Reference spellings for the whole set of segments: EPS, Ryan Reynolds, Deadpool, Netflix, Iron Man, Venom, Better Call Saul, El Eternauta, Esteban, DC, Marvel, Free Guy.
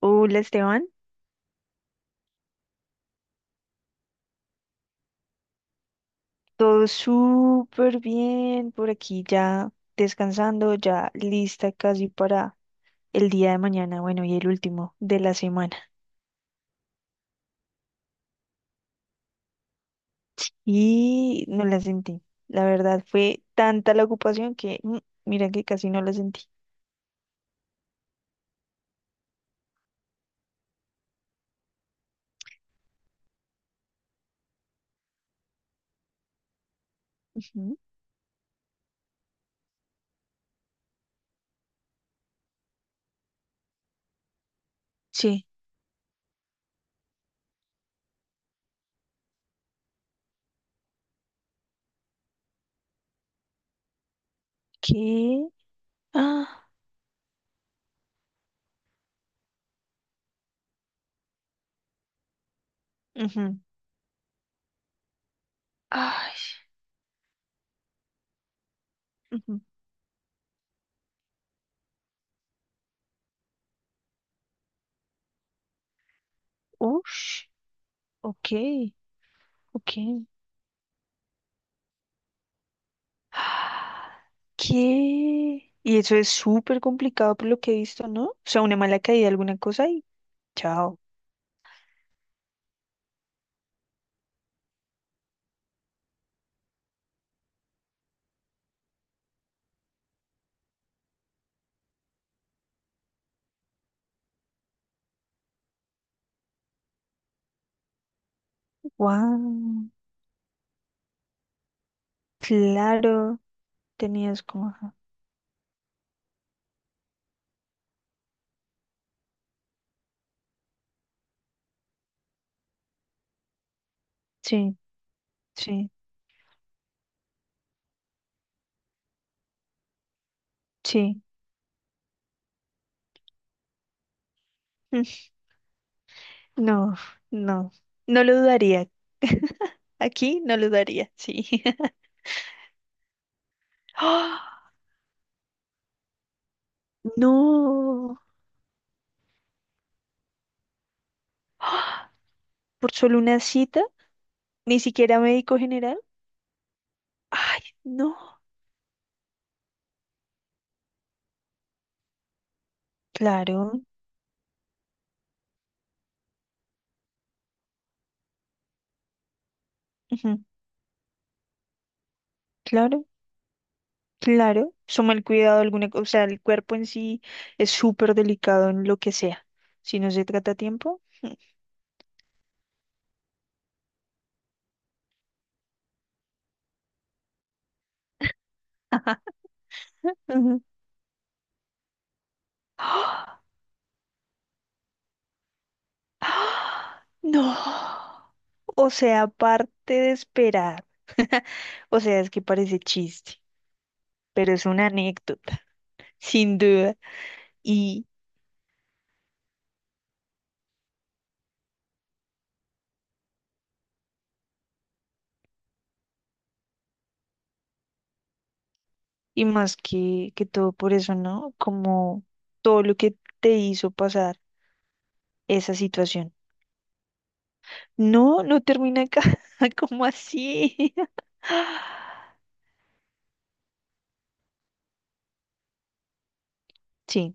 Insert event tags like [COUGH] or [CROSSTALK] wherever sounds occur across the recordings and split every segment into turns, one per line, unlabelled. Hola Esteban, todo súper bien por aquí ya descansando, ya lista casi para el día de mañana, bueno, y el último de la semana. Y no la sentí, la verdad fue tanta la ocupación que mira que casi no la sentí. Ujú. Sí, qué. Ah, ujú. Ay, ujú. Ush, ok, ok. ¿Qué? Y eso es súper complicado por lo que he visto, ¿no? O sea, una mala caída, alguna cosa y chao. Wow, claro, tenías como, ajá. Sí, sí, sí. [LAUGHS] Mm, no, no, no lo dudaría. [LAUGHS] Aquí no lo daría, sí. [LAUGHS] ¡Ah! No. ¡Ah! Por solo una cita, ni siquiera médico general. Ay, no. Claro, ujú, claro. Claro, suma el cuidado, alguna, o sea, el cuerpo en sí es súper delicado en lo que sea. Si no se trata a tiempo. [LAUGHS] Ujú. ¡Ah! ¡Ah! No. O sea, aparte de esperar. [LAUGHS] O sea, es que parece chiste, pero es una anécdota, [LAUGHS] sin duda. Y, y más que todo por eso, ¿no? Como todo lo que te hizo pasar esa situación. No, no termina acá. [LAUGHS] ¿Cómo así? [LAUGHS] Sí.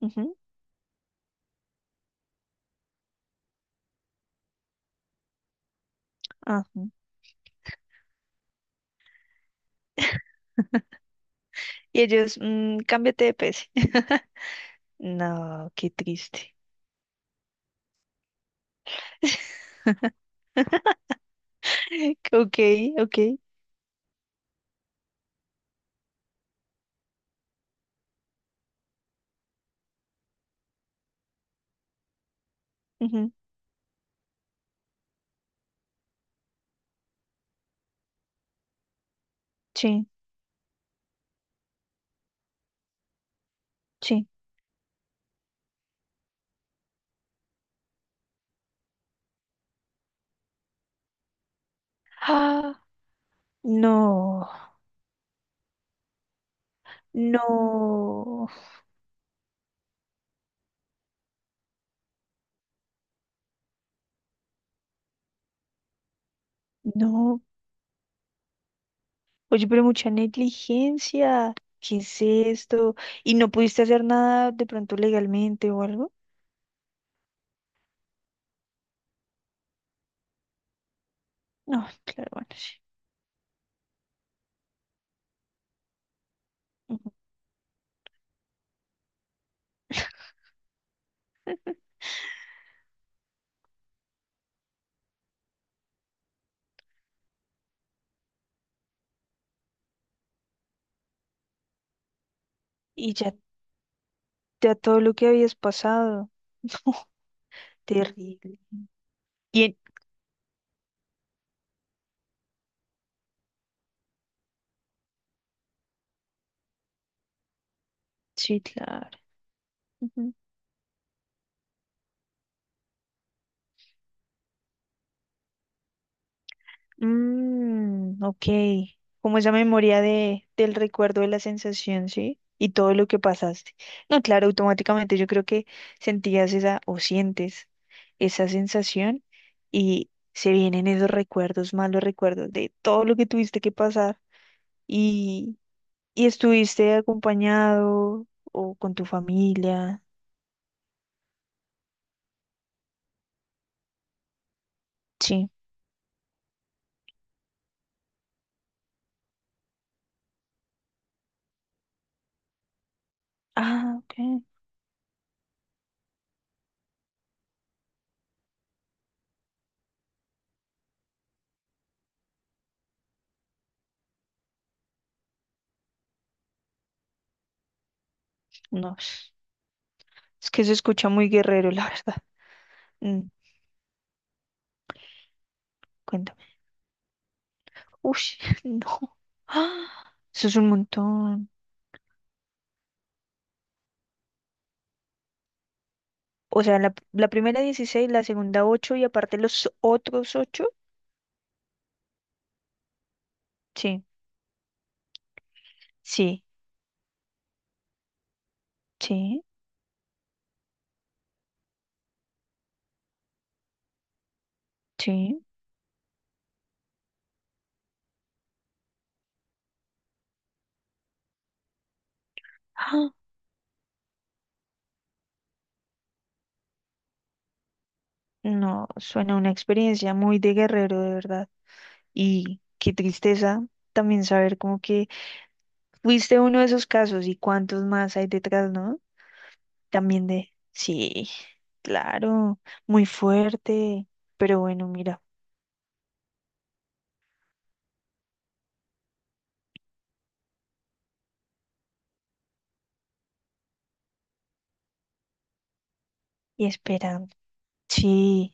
Ujú, ajá. Y ellos, cámbiate de PC. [LAUGHS] No, qué triste. [LAUGHS] Ok, ok. Ujú, sí, sí. Ah, no, no, no. Oye, pero mucha negligencia. ¿Qué es esto? ¿Y no pudiste hacer nada de pronto legalmente o algo? No, claro, bueno, sí. Ujú. [LAUGHS] Y ya, ya todo lo que habías pasado. [LAUGHS] Terrible. Y en- Sí, claro. Mm, ok. Como esa memoria del recuerdo de la sensación, ¿sí? Y todo lo que pasaste. No, claro, automáticamente yo creo que sentías esa o sientes esa sensación y se vienen esos recuerdos, malos recuerdos de todo lo que tuviste que pasar y, estuviste acompañado o con tu familia. Sí. Ah, ok. No, es que se escucha muy guerrero, la [LAUGHS] verdad. Mm, cuéntame. Uy. [LAUGHS] ¡Ah! Eso es un montón. O sea, la primera 16, la segunda 8 y aparte los otros 8, sí, sí, sí, sí. ¡Ah! No, suena una experiencia muy de guerrero, de verdad. Y qué tristeza también saber como que fuiste uno de esos casos y cuántos más hay detrás, ¿no? También de. Sí, claro, muy fuerte. Pero bueno, mira, y esperando. Sí.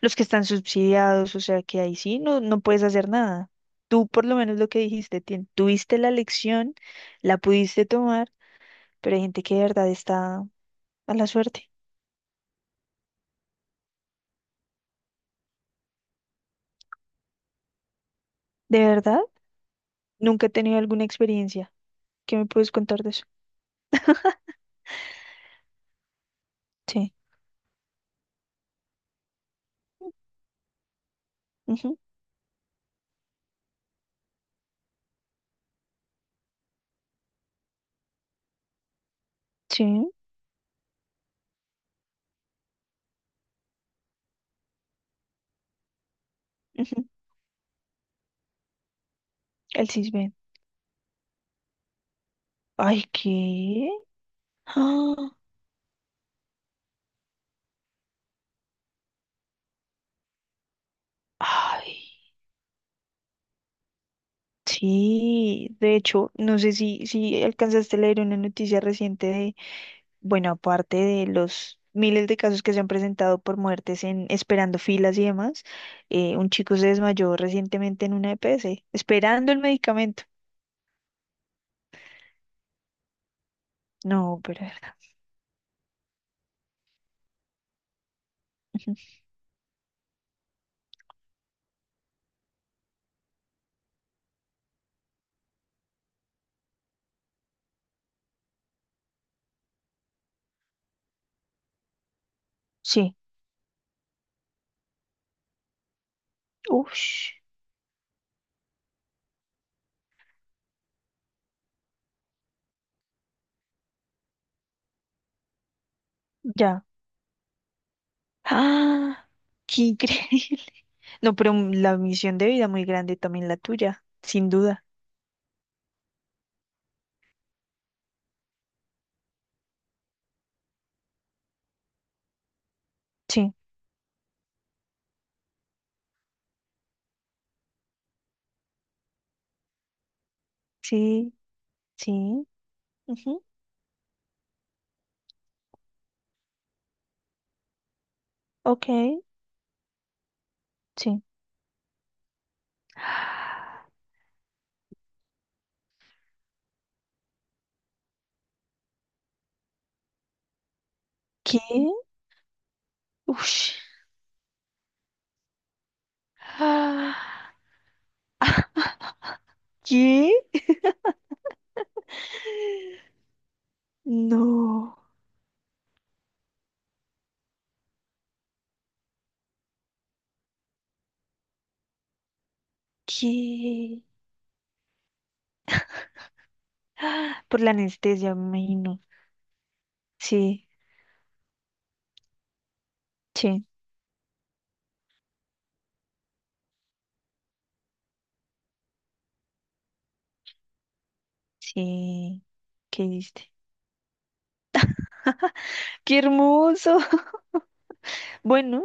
Los que están subsidiados, o sea que ahí sí no, no puedes hacer nada. Tú por lo menos lo que dijiste, tuviste la lección, la pudiste tomar, pero hay gente que de verdad está a la suerte. ¿De verdad? Nunca he tenido alguna experiencia. ¿Qué me puedes contar de eso? Sí. Ujú, sí. Ujú, el cisbe. Ay, ¿qué? Ah. Ay. Sí, de hecho, no sé si alcanzaste a leer una noticia reciente. Bueno, aparte de los miles de casos que se han presentado por muertes en esperando filas y demás, un chico se desmayó recientemente en una EPS, esperando el medicamento. No, pero de verdad. [LAUGHS] Sí. Ush, ya. ¡Ah! ¡Qué increíble! [LAUGHS] No, pero la misión de vida muy grande también la tuya, sin duda. Sí, sí, sí. Ujú, ok, sí. [GASPS] ¿Qué? Ush. Ah, ¿qué? No. ¿Qué? ¡Ah! Por la anestesia, me imagino. Sí, sí, sí. ¿Qué hiciste? ¡Qué hermoso! [LAUGHS] Bueno,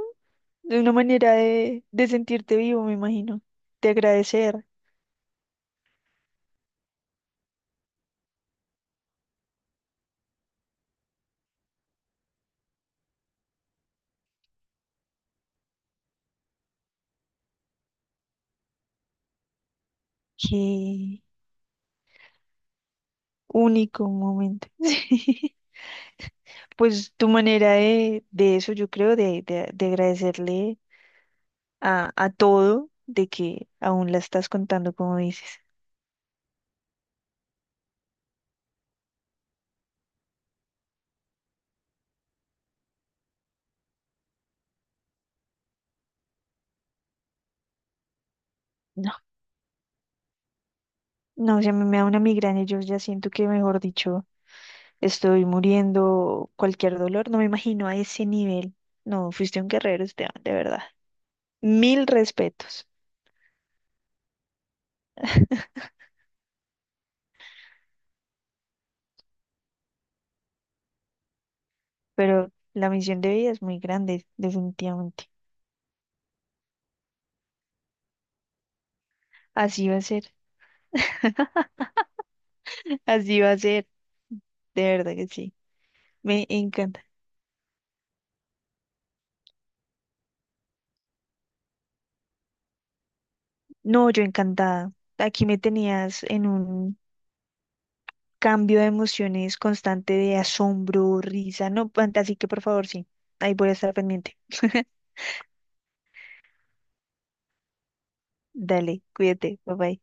de una manera de sentirte vivo, me imagino. De agradecer. ¡Qué único momento! [LAUGHS] Sí. Pues tu manera de eso, yo creo, de agradecerle a todo, de que aún la estás contando, como dices. No, no, o sea, me da una migraña, yo ya siento que, mejor dicho. Estoy muriendo cualquier dolor, no me imagino a ese nivel. No, fuiste un guerrero, Esteban, de verdad. Mil respetos, [LAUGHS] pero la misión de vida es muy grande, definitivamente. Así va a ser, [LAUGHS] así va a ser, de verdad que sí. Me encanta. No, yo encantada. Aquí me tenías en un cambio de emociones constante de asombro, risa, no, así que por favor, sí, ahí voy a estar pendiente. [LAUGHS] Dale, cuídate, bye bye.